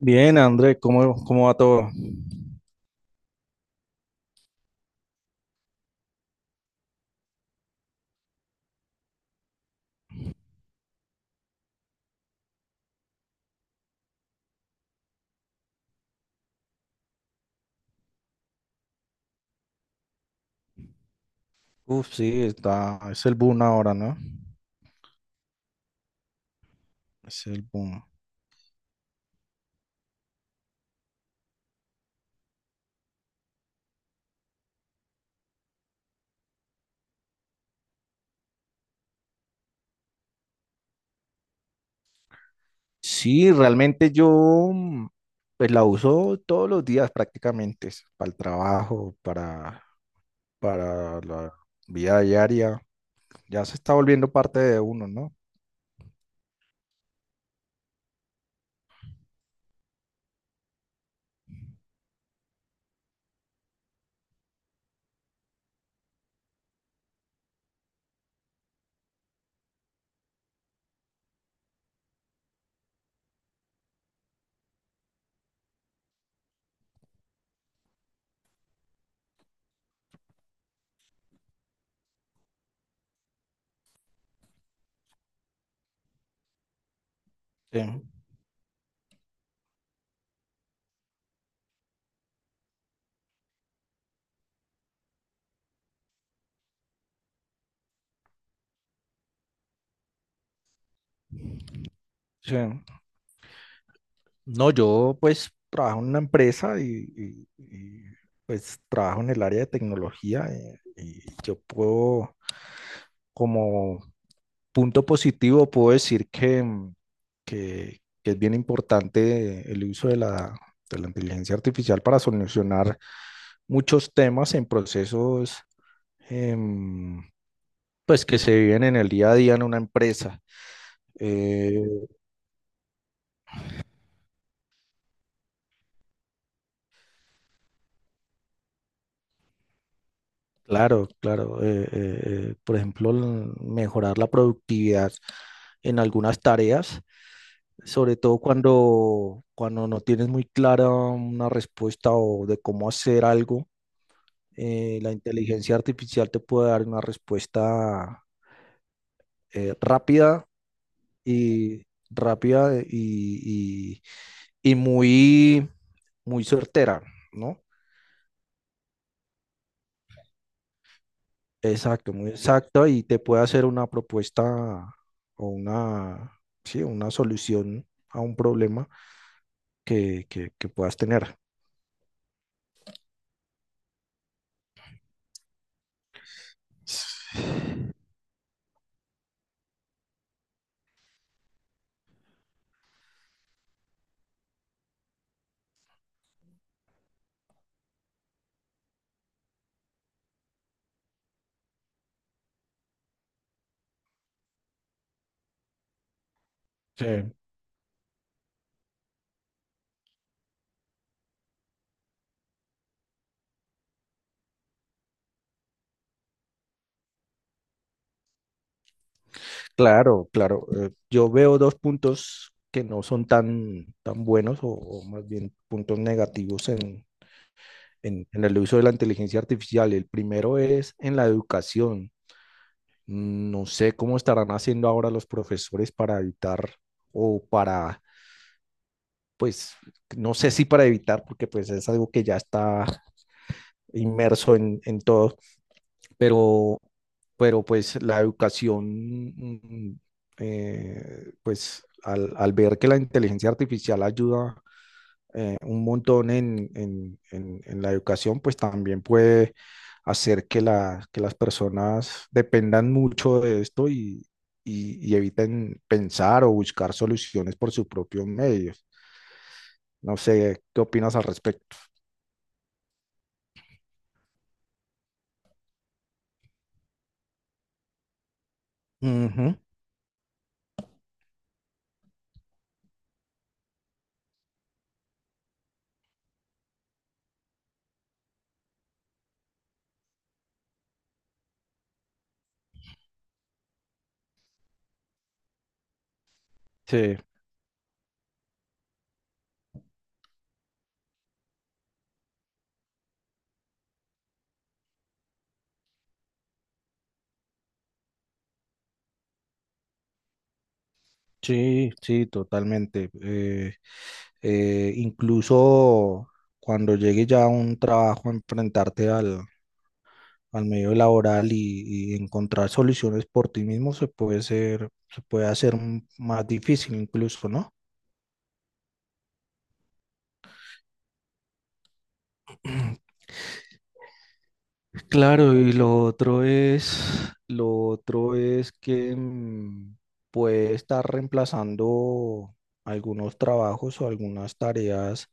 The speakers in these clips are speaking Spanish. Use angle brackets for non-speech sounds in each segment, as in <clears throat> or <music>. Bien, Andrés, ¿cómo va todo? Uf, sí, está, es el boom ahora, ¿no? Es el boom. Sí, realmente yo mm, pues la uso todos los días prácticamente, es para el trabajo, para la vida diaria. Ya se está volviendo parte de uno, ¿no? Sí, sí. No, yo pues trabajo en una empresa pues trabajo en el área de tecnología y yo puedo como punto positivo, puedo decir que, que es bien importante el uso de de la inteligencia artificial para solucionar muchos temas en procesos em, pues que se viven en el día a día en una empresa. Eh, claro, claro. Por ejemplo, mejorar la productividad en algunas tareas, sobre todo cuando no tienes muy clara una respuesta o de cómo hacer algo. La inteligencia artificial te puede dar una respuesta rápida y rápida y, y- muy, muy certera, ¿no? Exacto, muy exacta y te puede hacer una propuesta o una, sí, una solución a un problema que puedas tener. Sí, claro, claro. Yo veo dos puntos que no son tan buenos o más bien puntos negativos en el uso de la inteligencia artificial. El primero es en la educación. No sé cómo estarán haciendo ahora los profesores para evitar o para, pues, no sé si para evitar, porque pues es algo que ya está inmerso en todo, pero, pero pues la educación, mm, pues al ver que la inteligencia artificial ayuda un montón en la educación, pues también puede hacer que las personas dependan mucho de esto y eviten pensar o buscar soluciones por sus propios medios. No sé, ¿qué opinas al respecto? Ujú. Sí, sí, sí, totalmente. Incluso cuando llegue ya a un trabajo, enfrentarte al medio laboral y encontrar soluciones por ti mismo se puede hacer más difícil incluso, ¿no? <clears throat> Claro, y lo otro es que puede estar reemplazando algunos trabajos o algunas tareas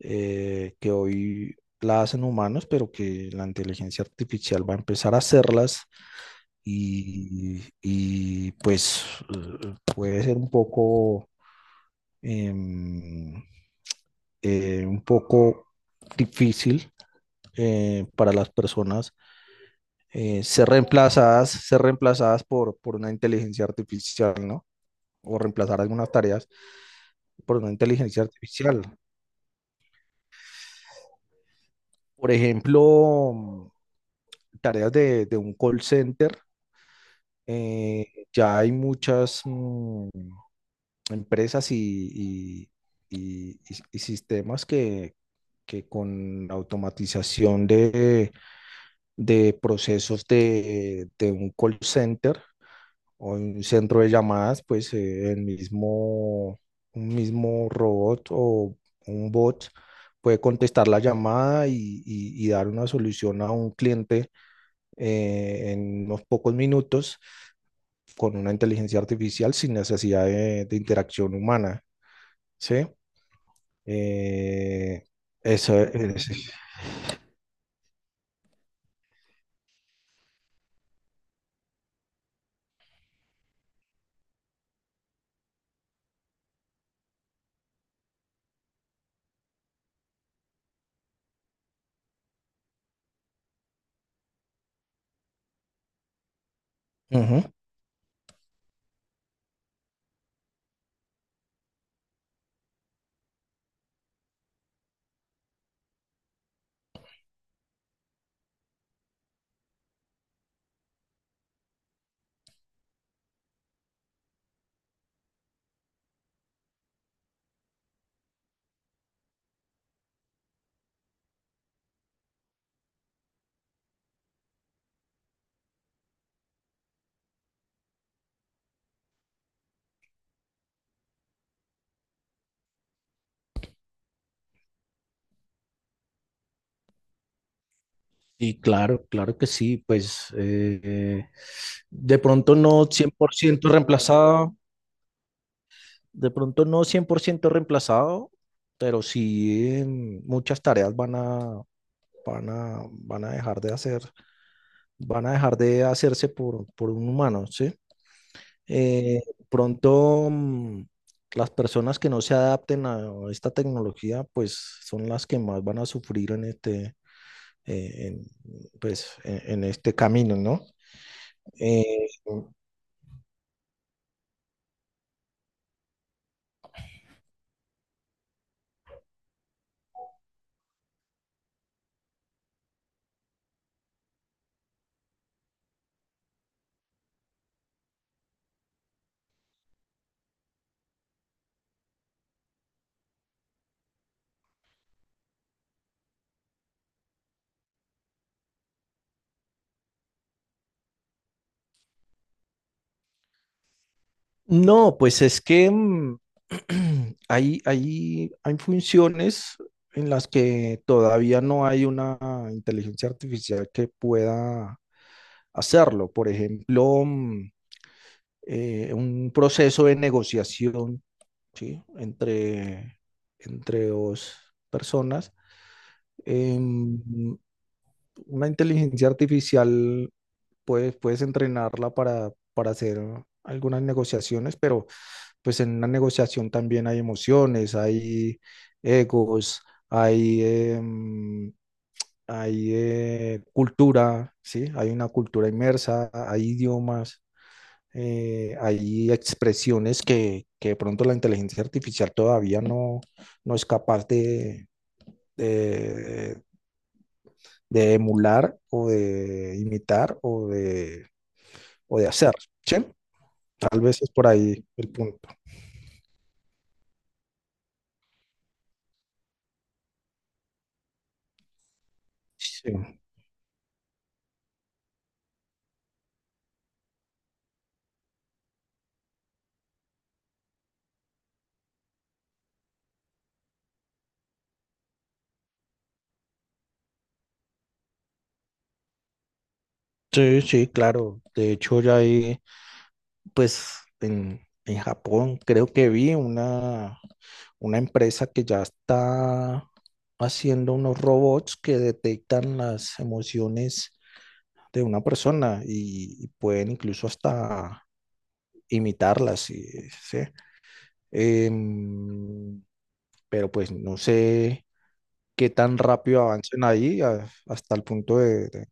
que hoy la hacen humanos, pero que la inteligencia artificial va a empezar a hacerlas, y, y pues puede ser eh, un poco difícil para las personas ser reemplazadas por una inteligencia artificial, ¿no? O reemplazar algunas tareas por una inteligencia artificial. Por ejemplo, tareas de un call center. eh, ya hay muchas empresas y sistemas que con la automatización de procesos de un call center o un centro de llamadas, pues un mismo robot o un bot puede contestar la llamada y dar una solución a un cliente en unos pocos minutos con una inteligencia artificial sin necesidad de interacción humana, ¿sí? Eh, eso es. Ujú. Y claro, claro que sí, pues de pronto no cien por ciento reemplazado, de pronto no 100% reemplazado, pero sí muchas tareas van a dejar de hacer, van a dejar de hacerse por un humano, ¿sí? Eh, Pronto las personas que no se adapten a esta tecnología, pues son las que más van a sufrir en este, eh, en, pues, en este camino, ¿no? Eh, no, pues es que <clears throat> hay funciones en las que todavía no hay una inteligencia artificial que pueda hacerlo. Por ejemplo, un proceso de negociación, ¿sí? Entre dos personas. em, una inteligencia artificial puedes entrenarla para hacer algunas negociaciones, pero pues en una negociación también hay emociones, hay egos, hay, em, hay cultura, ¿sí? Hay una cultura inmersa, hay idiomas, hay expresiones que de pronto la inteligencia artificial todavía no, no es capaz de, de emular o de imitar o de hacer, ¿sí? Tal vez es por ahí el punto. Sí, sí, sí, claro. De hecho, ya hay pues en Japón creo que vi una empresa que ya está haciendo unos robots que detectan las emociones de una persona y pueden incluso hasta imitarlas. Y, ¿sí? Em, pero pues no sé qué tan rápido avancen ahí hasta el punto de...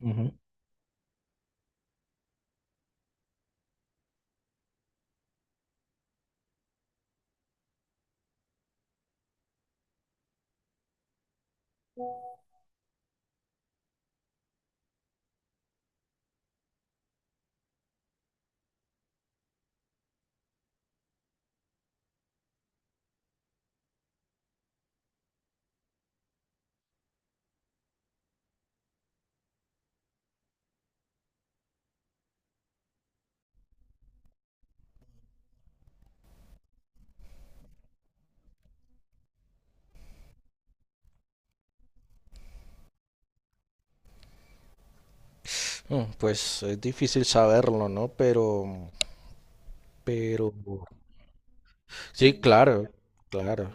Ujú. Mm, pues es difícil saberlo, ¿no? Pero... Sí, claro, claro.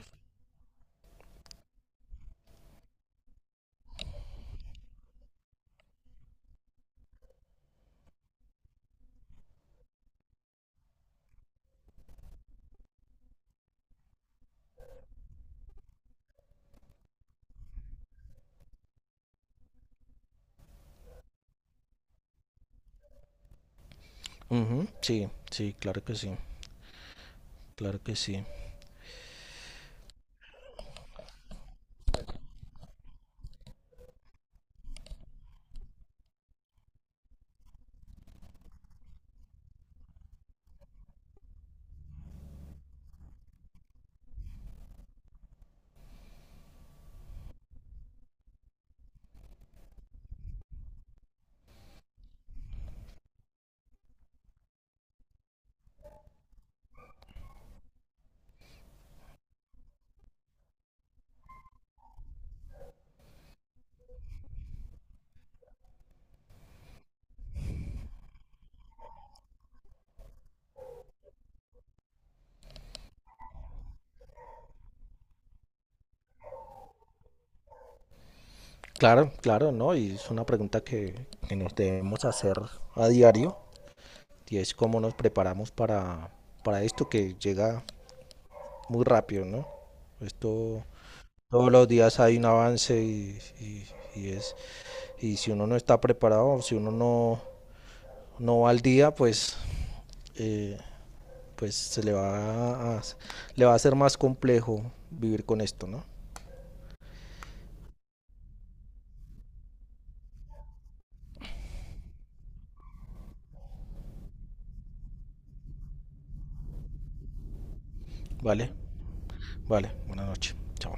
Ujú, sí, sí, claro que sí, claro que sí. Claro, claro, ¿no? Y es una pregunta que nos debemos hacer a diario y es cómo nos preparamos para esto que llega muy rápido, ¿no? Esto, todos los días hay un avance y es, y si uno no está preparado, si uno no, no va al día, pues, eh, pues se le va a ser más complejo vivir con esto, ¿no? Vale, vale, buenas noches, chao.